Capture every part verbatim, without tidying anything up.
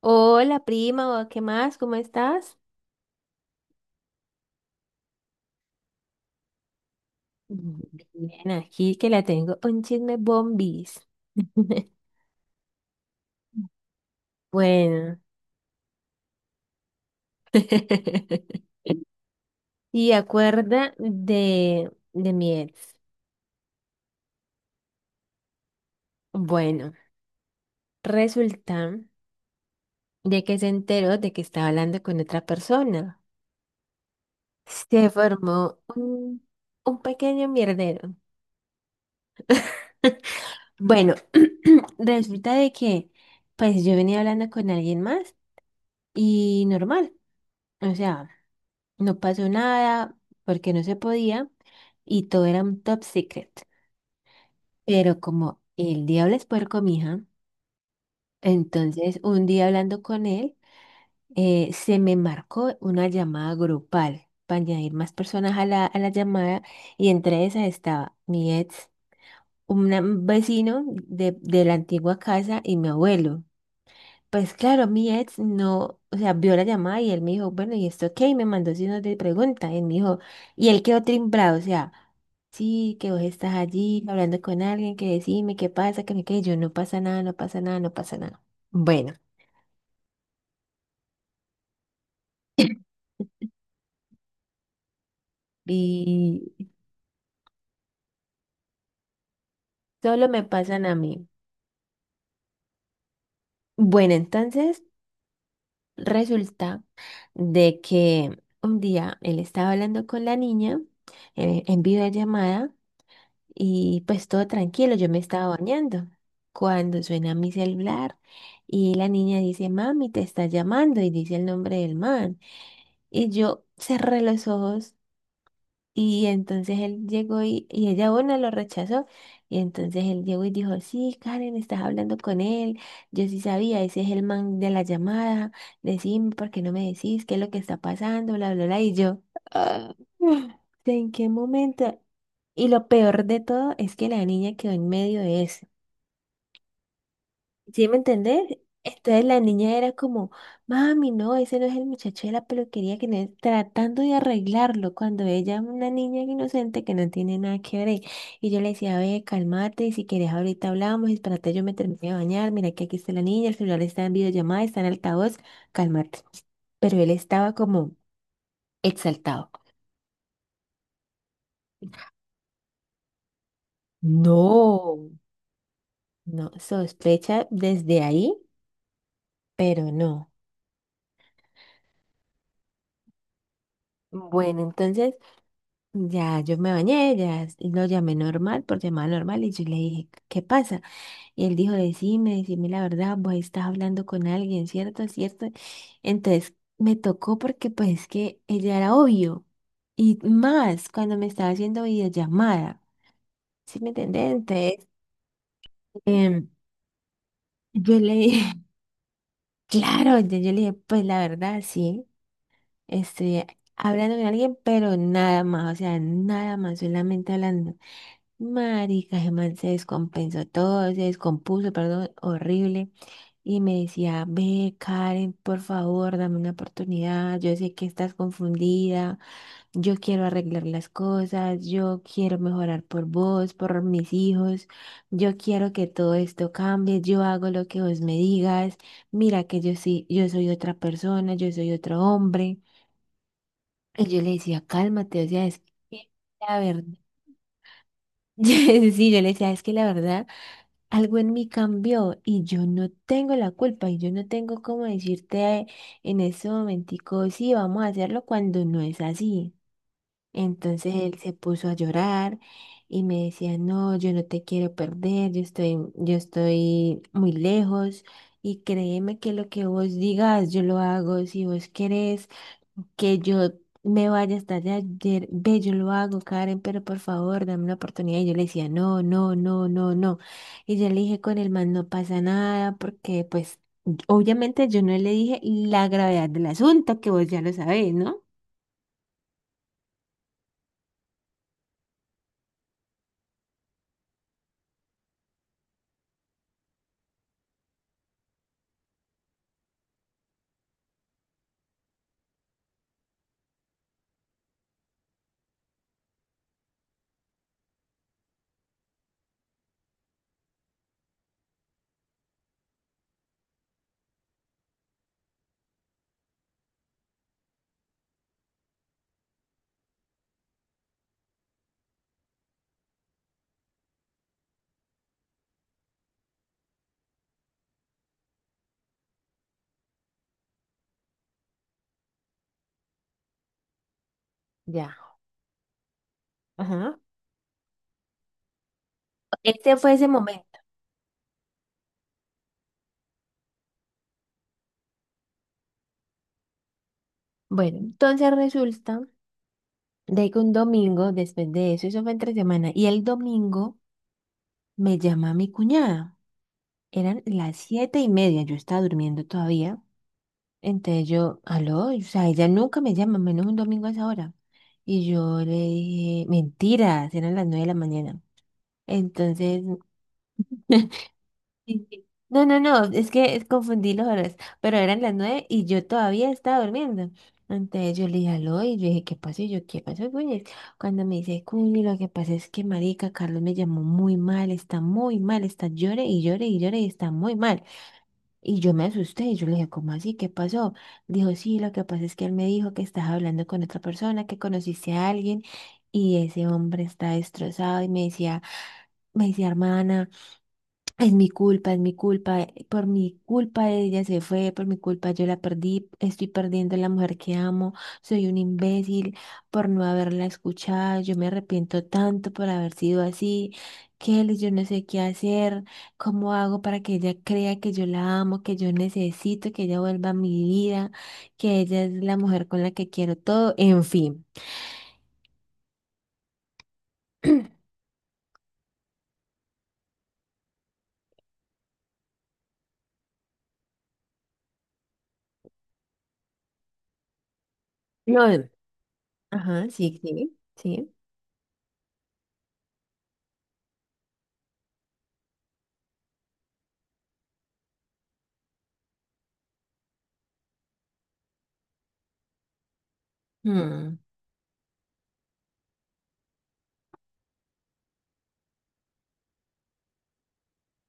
Hola prima, ¿qué más? ¿Cómo estás? Mm, Bien, aquí que la tengo un chisme bombis. Bueno, y acuerda de, de mi ex. Bueno, resulta de que se enteró de que estaba hablando con otra persona. Se formó un, un pequeño mierdero. Bueno, resulta de que pues yo venía hablando con alguien más. Y normal, o sea, no pasó nada porque no se podía y todo era un top secret. Pero como el diablo es puerco, mija, entonces un día hablando con él, eh, se me marcó una llamada grupal para añadir más personas a la, a la llamada, y entre esas estaba mi ex, un vecino de, de la antigua casa y mi abuelo. Pues claro, mi ex no, o sea, vio la llamada y él me dijo, bueno, ¿y esto qué? Y me mandó signos de pregunta. Y él me dijo, y él quedó timbrado, o sea, sí, que vos estás allí hablando con alguien, que decime qué pasa, que no, que yo no pasa nada, no pasa nada, no pasa nada. Bueno, y solo me pasan a mí. Bueno, entonces resulta de que un día él estaba hablando con la niña, eh, en videollamada. Y pues todo tranquilo, yo me estaba bañando cuando suena mi celular y la niña dice, mami, te está llamando, y dice el nombre del man. Y yo cerré los ojos y entonces él llegó y, y ella, bueno, lo rechazó. Y entonces él llegó y dijo, sí, Karen, estás hablando con él. Yo sí sabía, ese es el man de la llamada. Decime, ¿por qué no me decís qué es lo que está pasando? Bla, bla, bla. Y yo, "Ah, ¿en qué momento?" Y lo peor de todo es que la niña quedó en medio de eso. ¿Sí me entendés? Entonces la niña era como, mami, no, ese no es el muchacho de la peluquería, que no es tratando de arreglarlo cuando ella es una niña inocente que no tiene nada que ver. Y yo le decía, ve, cálmate, y si quieres ahorita hablamos, espérate, yo me terminé de bañar, mira que aquí está la niña, el celular está en videollamada, está en altavoz, cálmate. Pero él estaba como exaltado. No, no, sospecha desde ahí, pero no. Bueno, entonces… Ya, yo me bañé, ya s- lo llamé normal, por llamada normal, y yo le dije, ¿qué pasa? Y él dijo, decime, decime la verdad, vos estás hablando con alguien, ¿cierto? ¿Cierto? Entonces me tocó, porque pues es que ella era obvio, y más cuando me estaba haciendo videollamada, ¿sí me entendés? Entonces em, yo le dije, claro, yo, yo le dije, pues la verdad, sí, estoy hablando con alguien, pero nada más, o sea, nada más, solamente hablando. Marica, ese man se descompensó todo, se descompuso, perdón, horrible. Y me decía, ve, Karen, por favor, dame una oportunidad. Yo sé que estás confundida. Yo quiero arreglar las cosas. Yo quiero mejorar por vos, por mis hijos. Yo quiero que todo esto cambie. Yo hago lo que vos me digas. Mira que yo sí, yo soy otra persona, yo soy otro hombre. Y yo le decía, cálmate, o sea, es que la verdad. Sí, yo le decía, es que la verdad, algo en mí cambió y yo no tengo la culpa y yo no tengo cómo decirte en ese momentico, sí, vamos a hacerlo cuando no es así. Entonces él se puso a llorar y me decía, no, yo no te quiero perder, yo estoy, yo estoy muy lejos, y créeme que lo que vos digas yo lo hago, si vos querés que yo me vaya hasta allá, ayer, ve, yo lo hago, Karen, pero por favor, dame una oportunidad. Y yo le decía, no, no, no, no, no. Y yo le dije, con el man no pasa nada, porque pues obviamente yo no le dije la gravedad del asunto, que vos ya lo sabés, ¿no? Ya. Ajá. Este fue ese momento. Bueno, entonces resulta de que un domingo, después de eso, eso fue entre semana, y el domingo me llama mi cuñada. Eran las siete y media, yo estaba durmiendo todavía. Entonces yo, aló, o sea, ella nunca me llama, menos un domingo a esa hora. Y yo le dije, mentiras, eran las nueve de la mañana. Entonces, sí, sí. No, no, no, es que es- confundí las horas, pero eran las nueve y yo todavía estaba durmiendo. Entonces yo le dije, aló, y yo dije, ¿qué pasó? Y yo, ¿qué pasó, Cuñes? Cuando me dice, Cuñi, lo que pasa es que marica, Carlos me llamó muy mal, está muy mal, está llore y llore y llore y está muy mal. Y yo me asusté y yo le dije, ¿cómo así? ¿Qué pasó? Dijo, sí, lo que pasa es que él me dijo que estás hablando con otra persona, que conociste a alguien, y ese hombre está destrozado y me decía, me decía, hermana. Es mi culpa, es mi culpa, eh, por mi culpa ella se fue, por mi culpa yo la perdí, estoy perdiendo a la mujer que amo, soy un imbécil por no haberla escuchado, yo me arrepiento tanto por haber sido así, Kelly, yo no sé qué hacer, cómo hago para que ella crea que yo la amo, que yo necesito que ella vuelva a mi vida, que ella es la mujer con la que quiero todo, en fin. No, ajá, sí, sí, sí. Mm,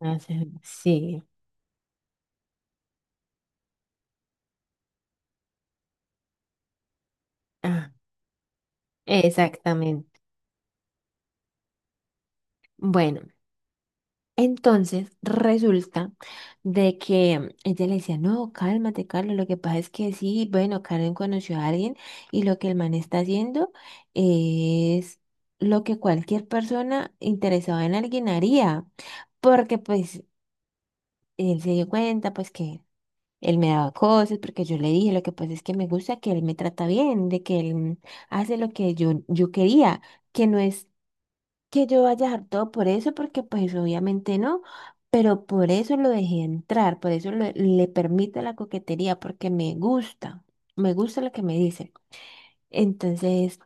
hace- sí. Ah, exactamente. Bueno, entonces resulta de que ella le decía, no, cálmate, Carlos, lo que pasa es que sí, bueno, Karen conoció a alguien, y lo que el man está haciendo es lo que cualquier persona interesada en alguien haría, porque pues él se dio cuenta, pues que él me daba cosas, porque yo le dije, lo que pasa es que me gusta que él me trata bien, de que él hace lo que yo, yo quería, que no es que yo vaya hartado por eso, porque pues obviamente no, pero por eso lo dejé entrar, por eso le, le permito la coquetería, porque me gusta, me gusta lo que me dice. Entonces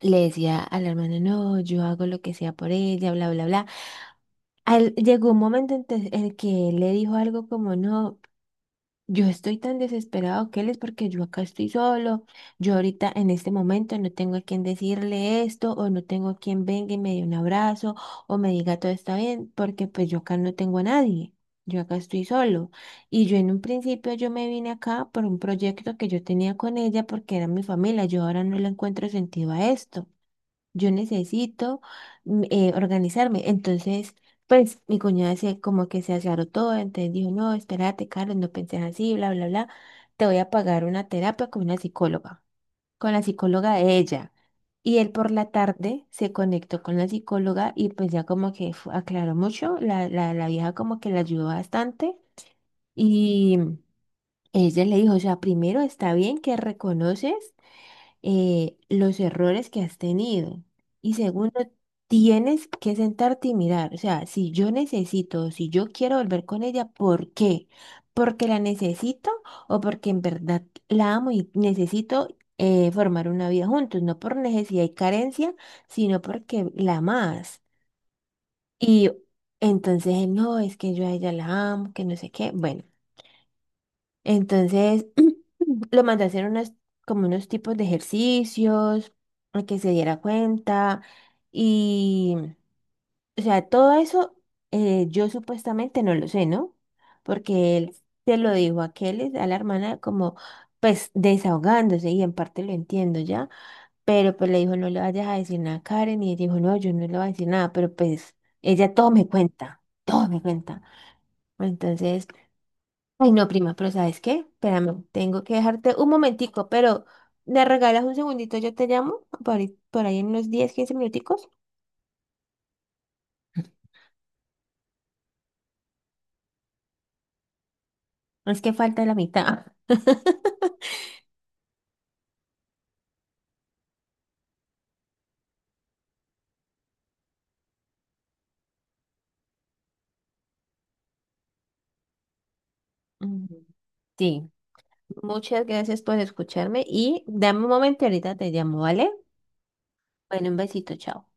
le decía a la hermana, no, yo hago lo que sea por ella, bla, bla, bla. A él- llegó un momento en te- en el que él le dijo algo como, no, yo estoy tan desesperado, Keles, porque yo acá estoy solo. Yo ahorita en este momento no tengo a quien decirle esto, o no tengo a quien venga y me dé un abrazo, o me diga todo está bien, porque pues yo acá no tengo a nadie. Yo acá estoy solo. Y yo en un principio yo me vine acá por un proyecto que yo tenía con ella porque era mi familia. Yo ahora no le encuentro sentido a esto, yo necesito mm, eh, organizarme. Entonces, pues mi cuñada se como que se aclaró todo, entonces dijo, no, espérate, Carlos, no penses así, bla, bla, bla. Te voy a pagar una terapia con una psicóloga, con la psicóloga de ella. Y él por la tarde se conectó con la psicóloga y pues ya como que fu- aclaró mucho, la, la, la vieja como que la ayudó bastante, y ella le dijo, o sea, primero está bien que reconoces eh, los errores que has tenido. Y segundo, tienes que sentarte y mirar. O sea, si yo necesito, si yo quiero volver con ella, ¿por qué? ¿Porque la necesito o porque en verdad la amo y necesito eh, formar una vida juntos? No por necesidad y carencia, sino porque la amas. Y entonces, no, es que yo a ella la amo, que no sé qué. Bueno. Entonces, lo mandé a hacer unas, como unos tipos de ejercicios, a que se diera cuenta. Y, o sea, todo eso, eh, yo supuestamente no lo sé, ¿no? Porque él se lo dijo a Keles, a la hermana, como pues desahogándose, y en parte lo entiendo ya. Pero pues le dijo, no le vayas a decir nada a Karen. Y ella dijo, no, yo no le voy a decir nada, pero pues ella todo me cuenta, todo me cuenta. Entonces… Ay, no, prima, pero ¿sabes qué? Espérame, tengo que dejarte un momentico, pero ¿me regalas un segundito? Yo te llamo por ahí, por ahí en unos diez, quince minuticos. No. Es que falta la mitad. Mm, sí, muchas gracias por escucharme y dame un momento, y ahorita te llamo, ¿vale? Bueno, un besito, chao.